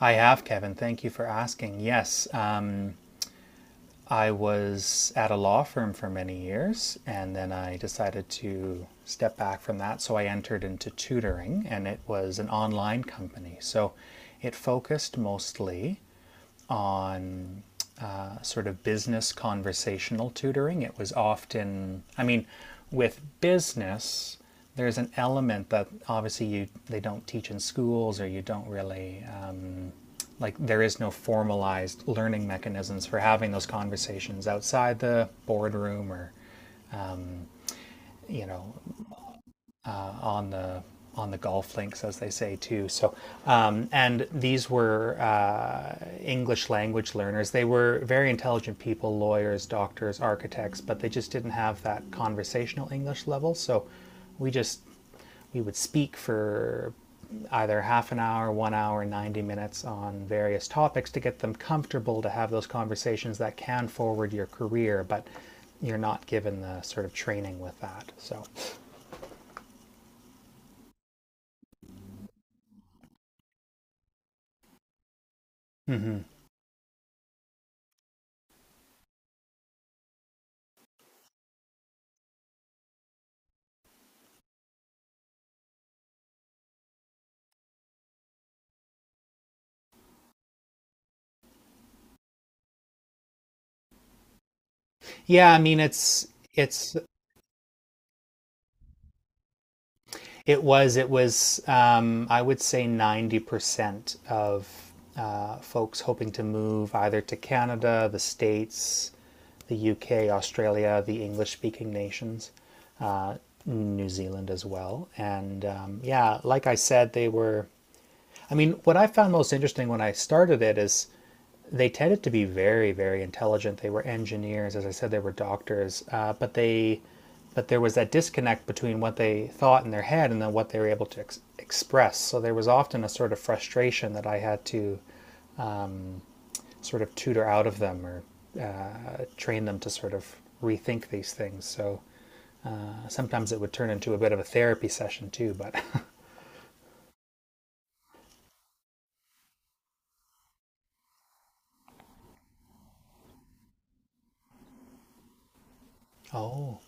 I have, Kevin. Thank you for asking. Yes, I was at a law firm for many years, and then I decided to step back from that. So I entered into tutoring, and it was an online company. So it focused mostly on sort of business conversational tutoring. It was often, I mean, with business, there's an element that obviously you they don't teach in schools, or you don't really like there is no formalized learning mechanisms for having those conversations outside the boardroom or you know on the golf links, as they say too. So, and these were English language learners. They were very intelligent people, lawyers, doctors, architects, but they just didn't have that conversational English level. So, we just we would speak for either half an hour, 1 hour, 90 minutes on various topics to get them comfortable to have those conversations that can forward your career, but you're not given the sort of training with that. So, mm-hmm. Yeah, I mean it's it was I would say 90% of folks hoping to move either to Canada, the States, the UK, Australia, the English-speaking nations, uh, New Zealand as well. And yeah, like I said, they were. I mean, what I found most interesting when I started it is they tended to be very very intelligent. They were engineers, as I said. They were doctors, but they but there was that disconnect between what they thought in their head and then what they were able to express. So there was often a sort of frustration that I had to um, sort of tutor out of them, or train them to sort of rethink these things. So sometimes it would turn into a bit of a therapy session too, but oh,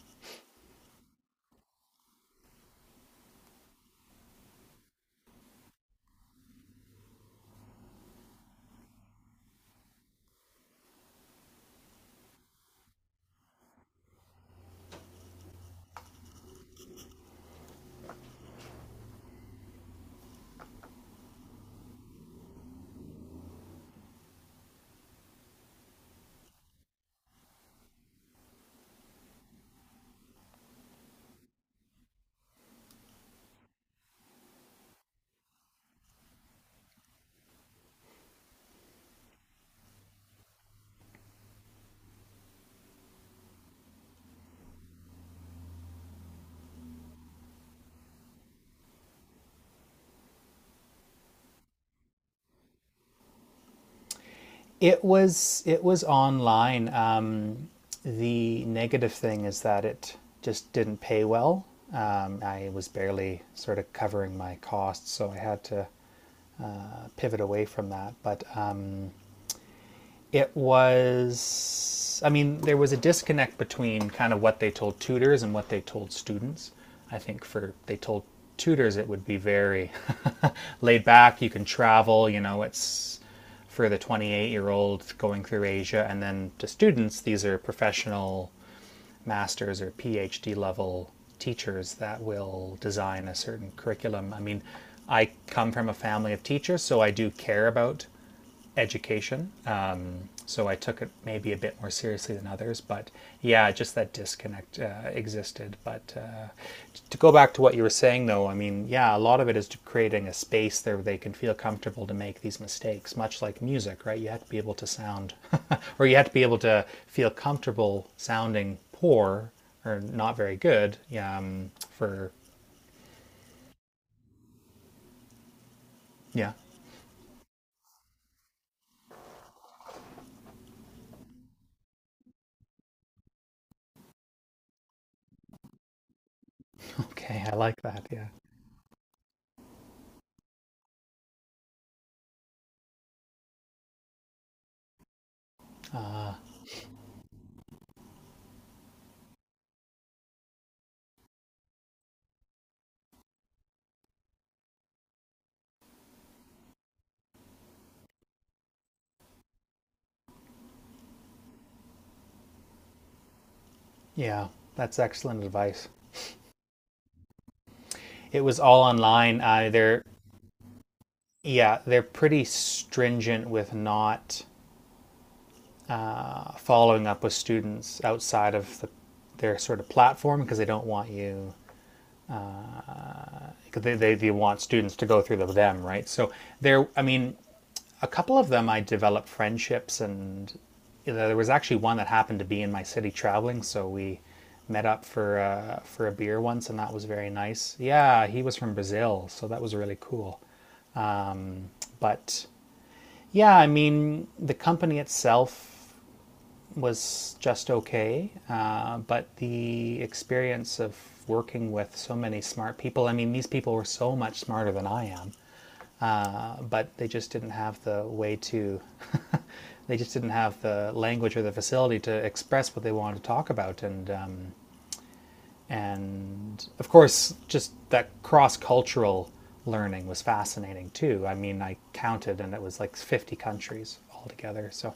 it was online. The negative thing is that it just didn't pay well. I was barely sort of covering my costs, so I had to pivot away from that. But it was, I mean, there was a disconnect between kind of what they told tutors and what they told students. I think for they told tutors it would be very laid back. You can travel, it's for the 28-year-old going through Asia. And then to students, these are professional masters or PhD level teachers that will design a certain curriculum. I mean, I come from a family of teachers, so I do care about education. So I took it maybe a bit more seriously than others. But yeah, just that disconnect existed. But to go back to what you were saying, though, I mean, yeah, a lot of it is creating a space there where they can feel comfortable to make these mistakes, much like music, right? You have to be able to sound, or you have to be able to feel comfortable sounding poor or not very good, yeah, for, yeah. Okay, I like that. Yeah. Uh, yeah, that's excellent advice. It was all online. They're Yeah, they're pretty stringent with not following up with students outside of their sort of platform, because they don't want you. Cause they want students to go through the, them, right? So I mean, a couple of them I developed friendships, and you know, there was actually one that happened to be in my city traveling, so we met up for a beer once, and that was very nice. Yeah, he was from Brazil, so that was really cool. Um, but Yeah, I mean, the company itself was just okay, but the experience of working with so many smart people. I mean, these people were so much smarter than I am, but they just didn't have the way to, they just didn't have the language or the facility to express what they wanted to talk about. And of course, just that cross cultural learning was fascinating too. I mean, I counted, and it was like 50 countries altogether. So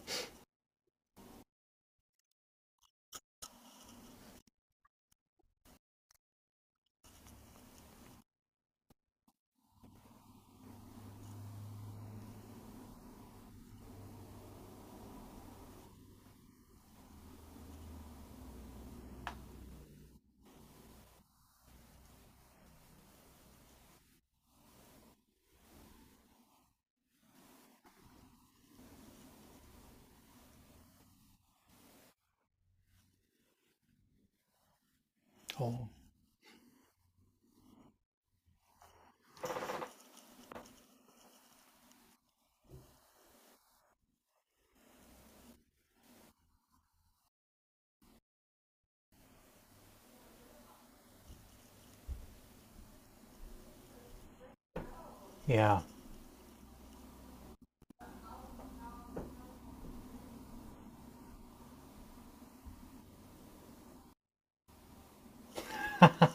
oh, yeah.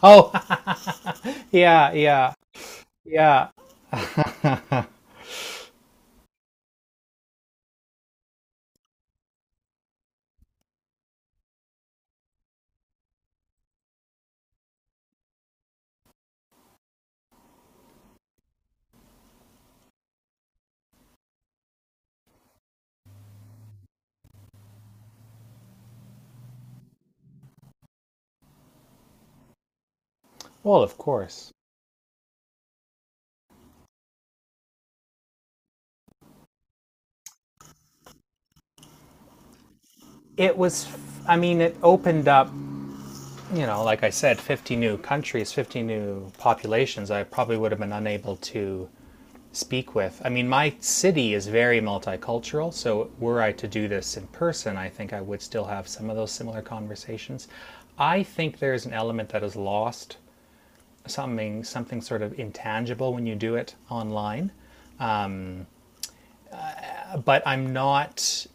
Oh, yeah, yeah, yeah. Well, of course. It was, I mean, it opened up, like I said, 50 new countries, 50 new populations I probably would have been unable to speak with. I mean, my city is very multicultural, so were I to do this in person, I think I would still have some of those similar conversations. I think there's an element that is lost, something sort of intangible when you do it online. But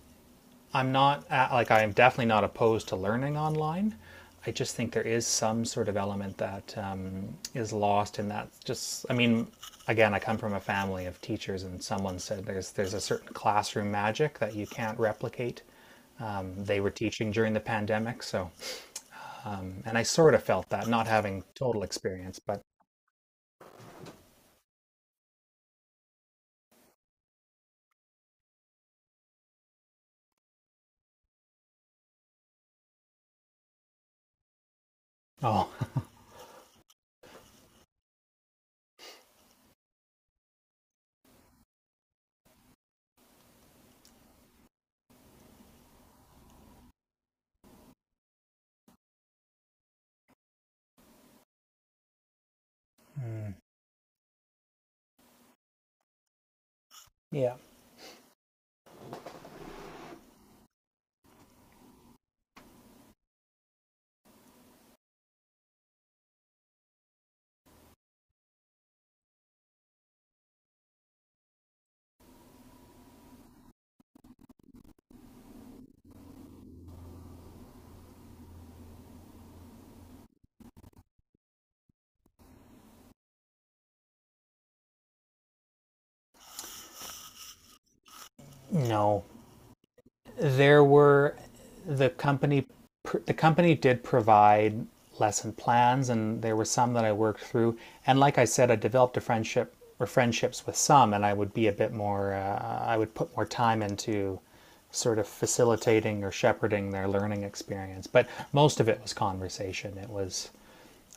I'm not like, I am definitely not opposed to learning online. I just think there is some sort of element that is lost in that. Just, I mean, again, I come from a family of teachers, and someone said there's a certain classroom magic that you can't replicate. They were teaching during the pandemic, so, and I sort of felt that, not having total experience, but oh, yeah, no, there were the company the company did provide lesson plans, and there were some that I worked through. And like I said, I developed a friendship or friendships with some, and I would be a bit more I would put more time into sort of facilitating or shepherding their learning experience. But most of it was conversation. It was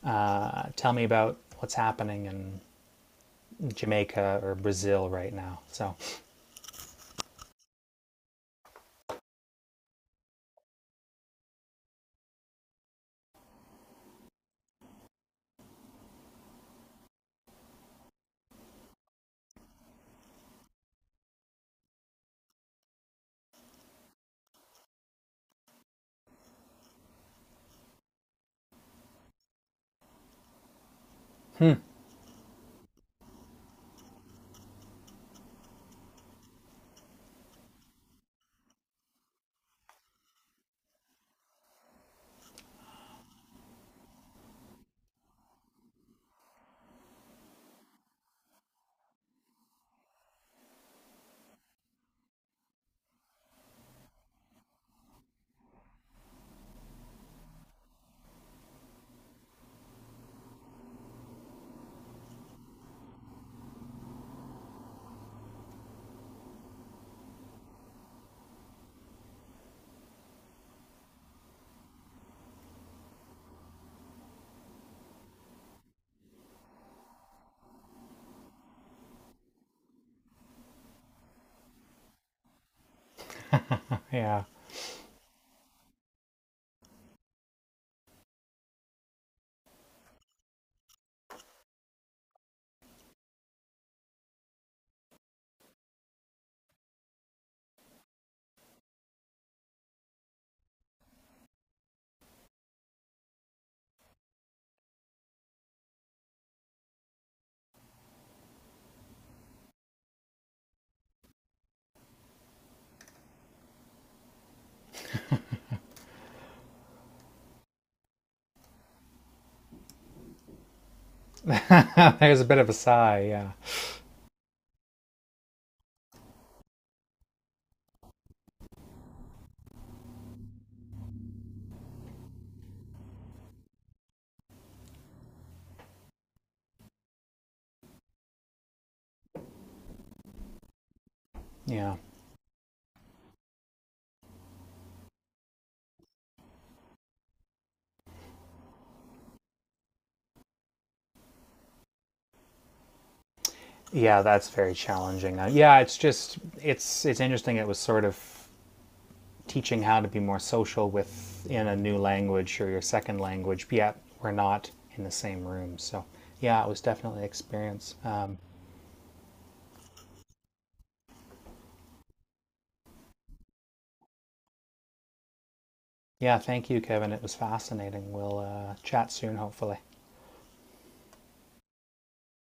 tell me about what's happening in Jamaica or Brazil right now. So yeah. There's a bit of a sigh. Yeah, yeah. Yeah, that's very challenging. Yeah, it's just it's interesting. It was sort of teaching how to be more social with, in a new language, or your second language. But yet we're not in the same room, so yeah, it was definitely an experience. Yeah, thank you, Kevin. It was fascinating. We'll chat soon, hopefully.